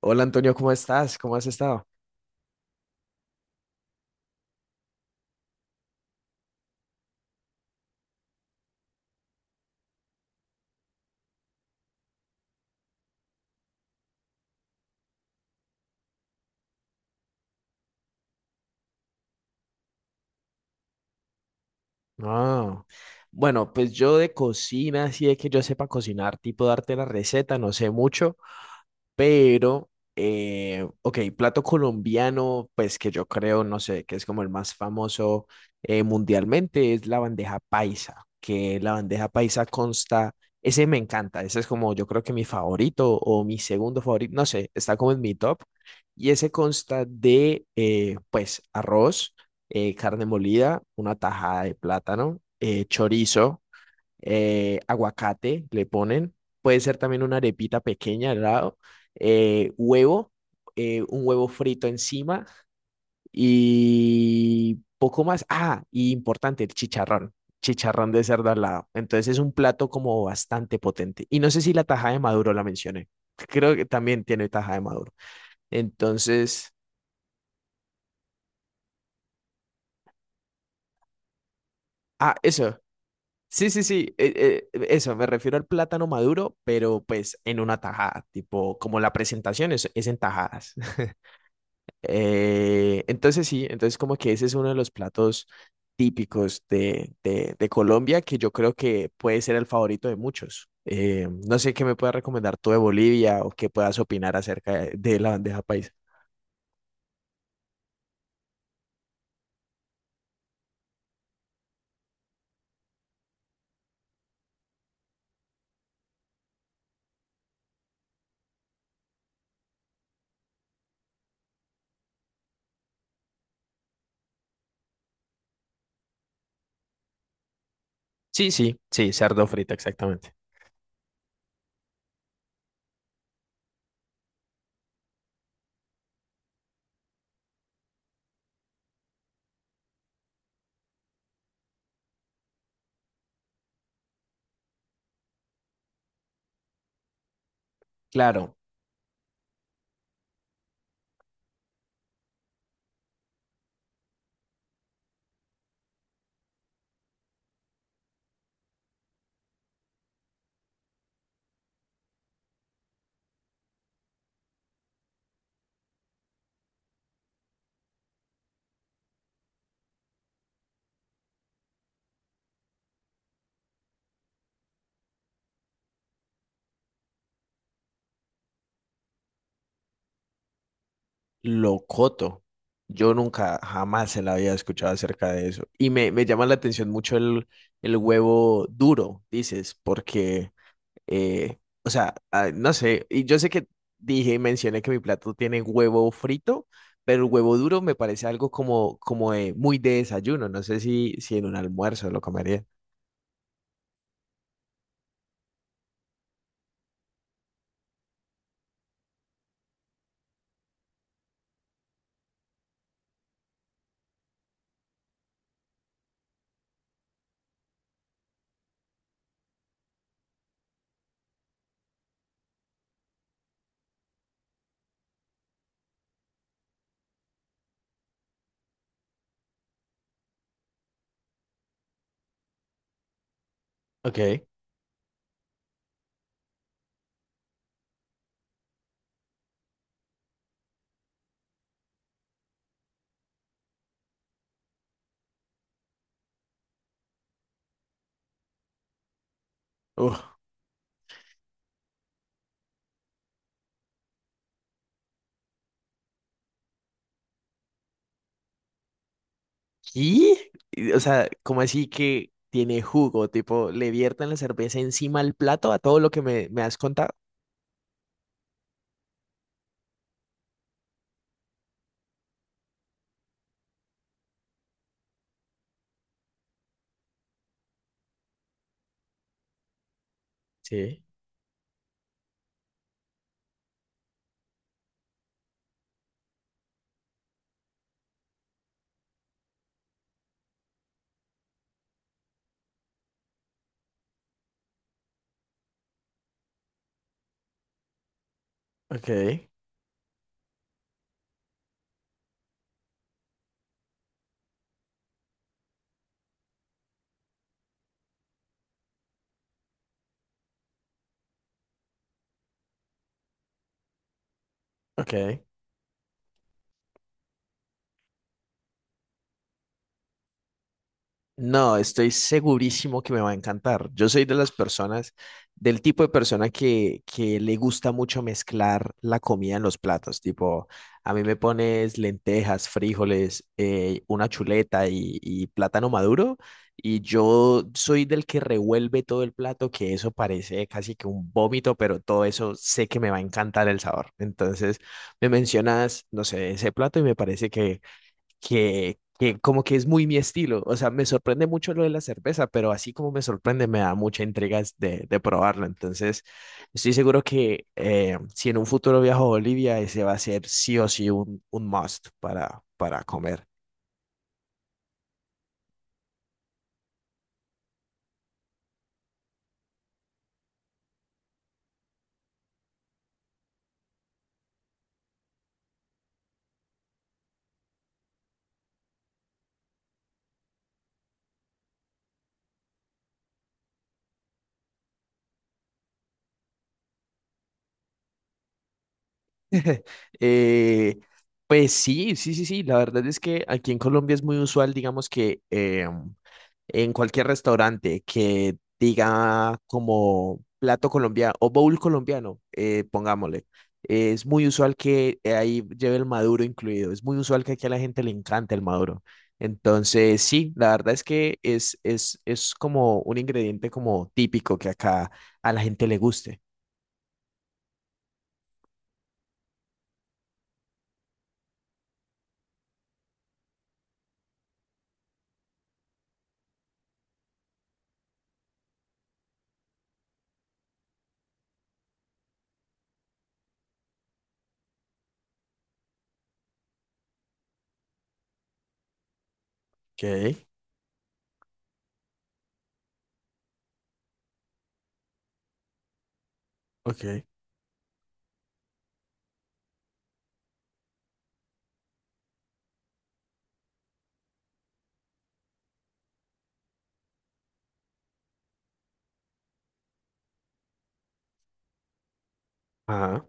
Hola Antonio, ¿cómo estás? ¿Cómo has estado? Ah, bueno, pues yo de cocina, así de que yo sepa cocinar, tipo darte la receta, no sé mucho. Pero, ok, plato colombiano, pues que yo creo, no sé, que es como el más famoso mundialmente, es la bandeja paisa, que la bandeja paisa consta, ese me encanta, ese es como yo creo que mi favorito o mi segundo favorito, no sé, está como en mi top, y ese consta de, pues, arroz, carne molida, una tajada de plátano, chorizo, aguacate le ponen, puede ser también una arepita pequeña al lado, huevo, un huevo frito encima y poco más. Ah, y importante, el chicharrón, chicharrón de cerdo al lado. Entonces es un plato como bastante potente. Y no sé si la tajada de maduro la mencioné. Creo que también tiene tajada de maduro. Entonces, ah, eso. Sí, sí, sí, eso, me refiero al plátano maduro, pero pues en una tajada, tipo, como la presentación es en tajadas. Entonces sí, entonces como que ese es uno de los platos típicos de Colombia que yo creo que puede ser el favorito de muchos. No sé qué me puedas recomendar tú de Bolivia o qué puedas opinar acerca de la bandeja paisa. Sí, sí, sí, cerdo frito, exactamente. Claro. Locoto. Yo nunca, jamás se la había escuchado acerca de eso. Y me llama la atención mucho el huevo duro, dices, porque, o sea, ah, no sé, y yo sé que dije y mencioné que mi plato tiene huevo frito, pero el huevo duro me parece algo como, muy de desayuno. No sé si, si en un almuerzo lo comería. Ok. Uf. ¿Y? Y, o sea, ¿como así que tiene jugo? Tipo, ¿le vierten la cerveza encima al plato a todo lo que me has contado? Sí, ok, ok. No, estoy segurísimo que me va a encantar. Yo soy de las personas, del tipo de persona que le gusta mucho mezclar la comida en los platos. Tipo, a mí me pones lentejas, frijoles, una chuleta y plátano maduro. Y yo soy del que revuelve todo el plato, que eso parece casi que un vómito, pero todo eso sé que me va a encantar el sabor. Entonces, me mencionas, no sé, ese plato y me parece que como que es muy mi estilo. O sea, me sorprende mucho lo de la cerveza, pero así como me sorprende, me da mucha intriga de probarla. Entonces, estoy seguro que si en un futuro viajo a Bolivia, ese va a ser sí o sí un must para comer. Eh, pues sí, sí, sí, sí. La verdad es que aquí en Colombia es muy usual, digamos que em, en cualquier restaurante que diga como plato colombiano o bowl colombiano, pongámosle. Es muy usual que ahí lleve el maduro incluido. Es muy usual que aquí a la gente le encanta el maduro. Entonces, sí, la verdad es que es como un ingrediente como típico que acá a la gente le guste. Ok, ok. Ajá,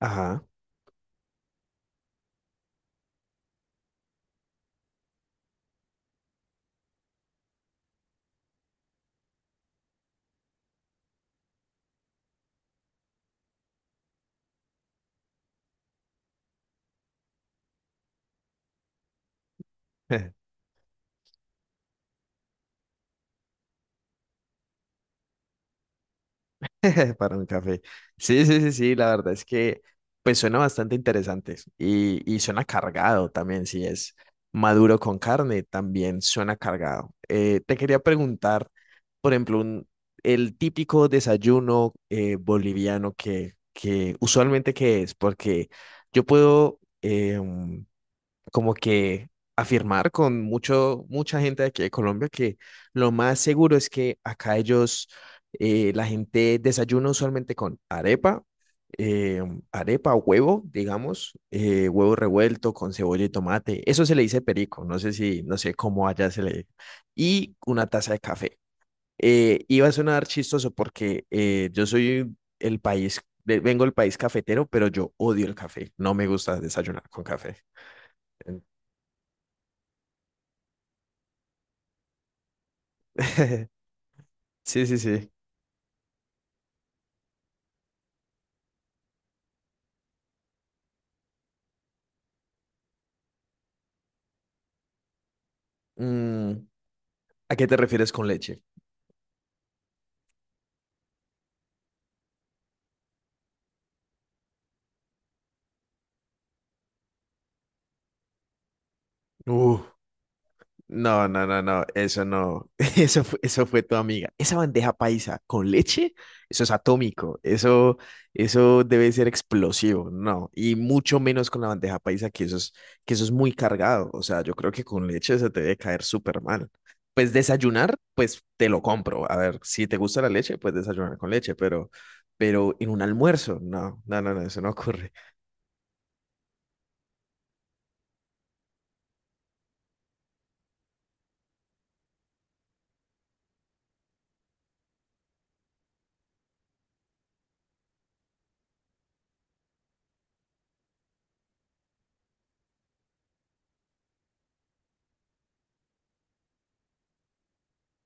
ajá. Para un café. Sí, sí, sí, sí, la verdad es que pues suena bastante interesante y suena cargado también, si es maduro con carne, también suena cargado. Te quería preguntar, por ejemplo, el típico desayuno boliviano que usualmente qué es, porque yo puedo, em, como que afirmar con mucho, mucha gente de aquí de Colombia que lo más seguro es que acá ellos, la gente desayuna usualmente con arepa, eh, arepa, huevo, digamos, huevo revuelto con cebolla y tomate. Eso se le dice perico, no sé si, no sé cómo allá se le... Y una taza de café. Iba a sonar chistoso porque yo soy el país, vengo del país cafetero, pero yo odio el café, no me gusta desayunar con café. En- Sí, sí, sí. Mm, ¿a qué te refieres con leche? Uh, no, no, no, no, eso no. Eso fue tu amiga. Esa bandeja paisa con leche, eso es atómico. Eso debe ser explosivo, no. Y mucho menos con la bandeja paisa, que eso es muy cargado. O sea, yo creo que con leche se te debe caer súper mal. Pues desayunar, pues te lo compro. A ver, si te gusta la leche, pues desayunar con leche, pero en un almuerzo, no, no, no, no, eso no ocurre.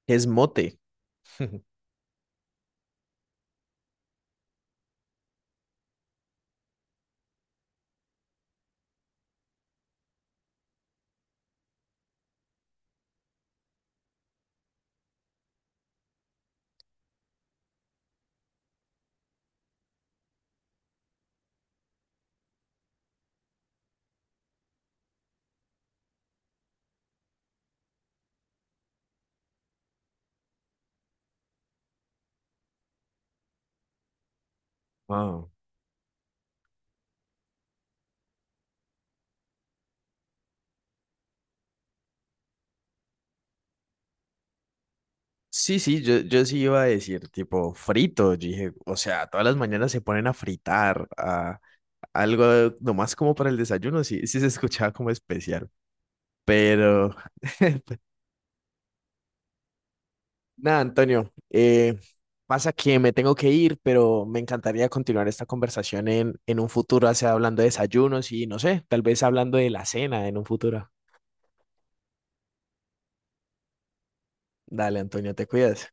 Es mote. Wow. Sí, sí, yo sí iba a decir tipo frito, yo dije, o sea, todas las mañanas se ponen a fritar, a algo nomás como para el desayuno, sí, sí se escuchaba como especial, pero nada, Antonio, pasa que me tengo que ir, pero me encantaría continuar esta conversación en un futuro, o sea, hablando de desayunos y no sé, tal vez hablando de la cena en un futuro. Dale, Antonio, te cuidas.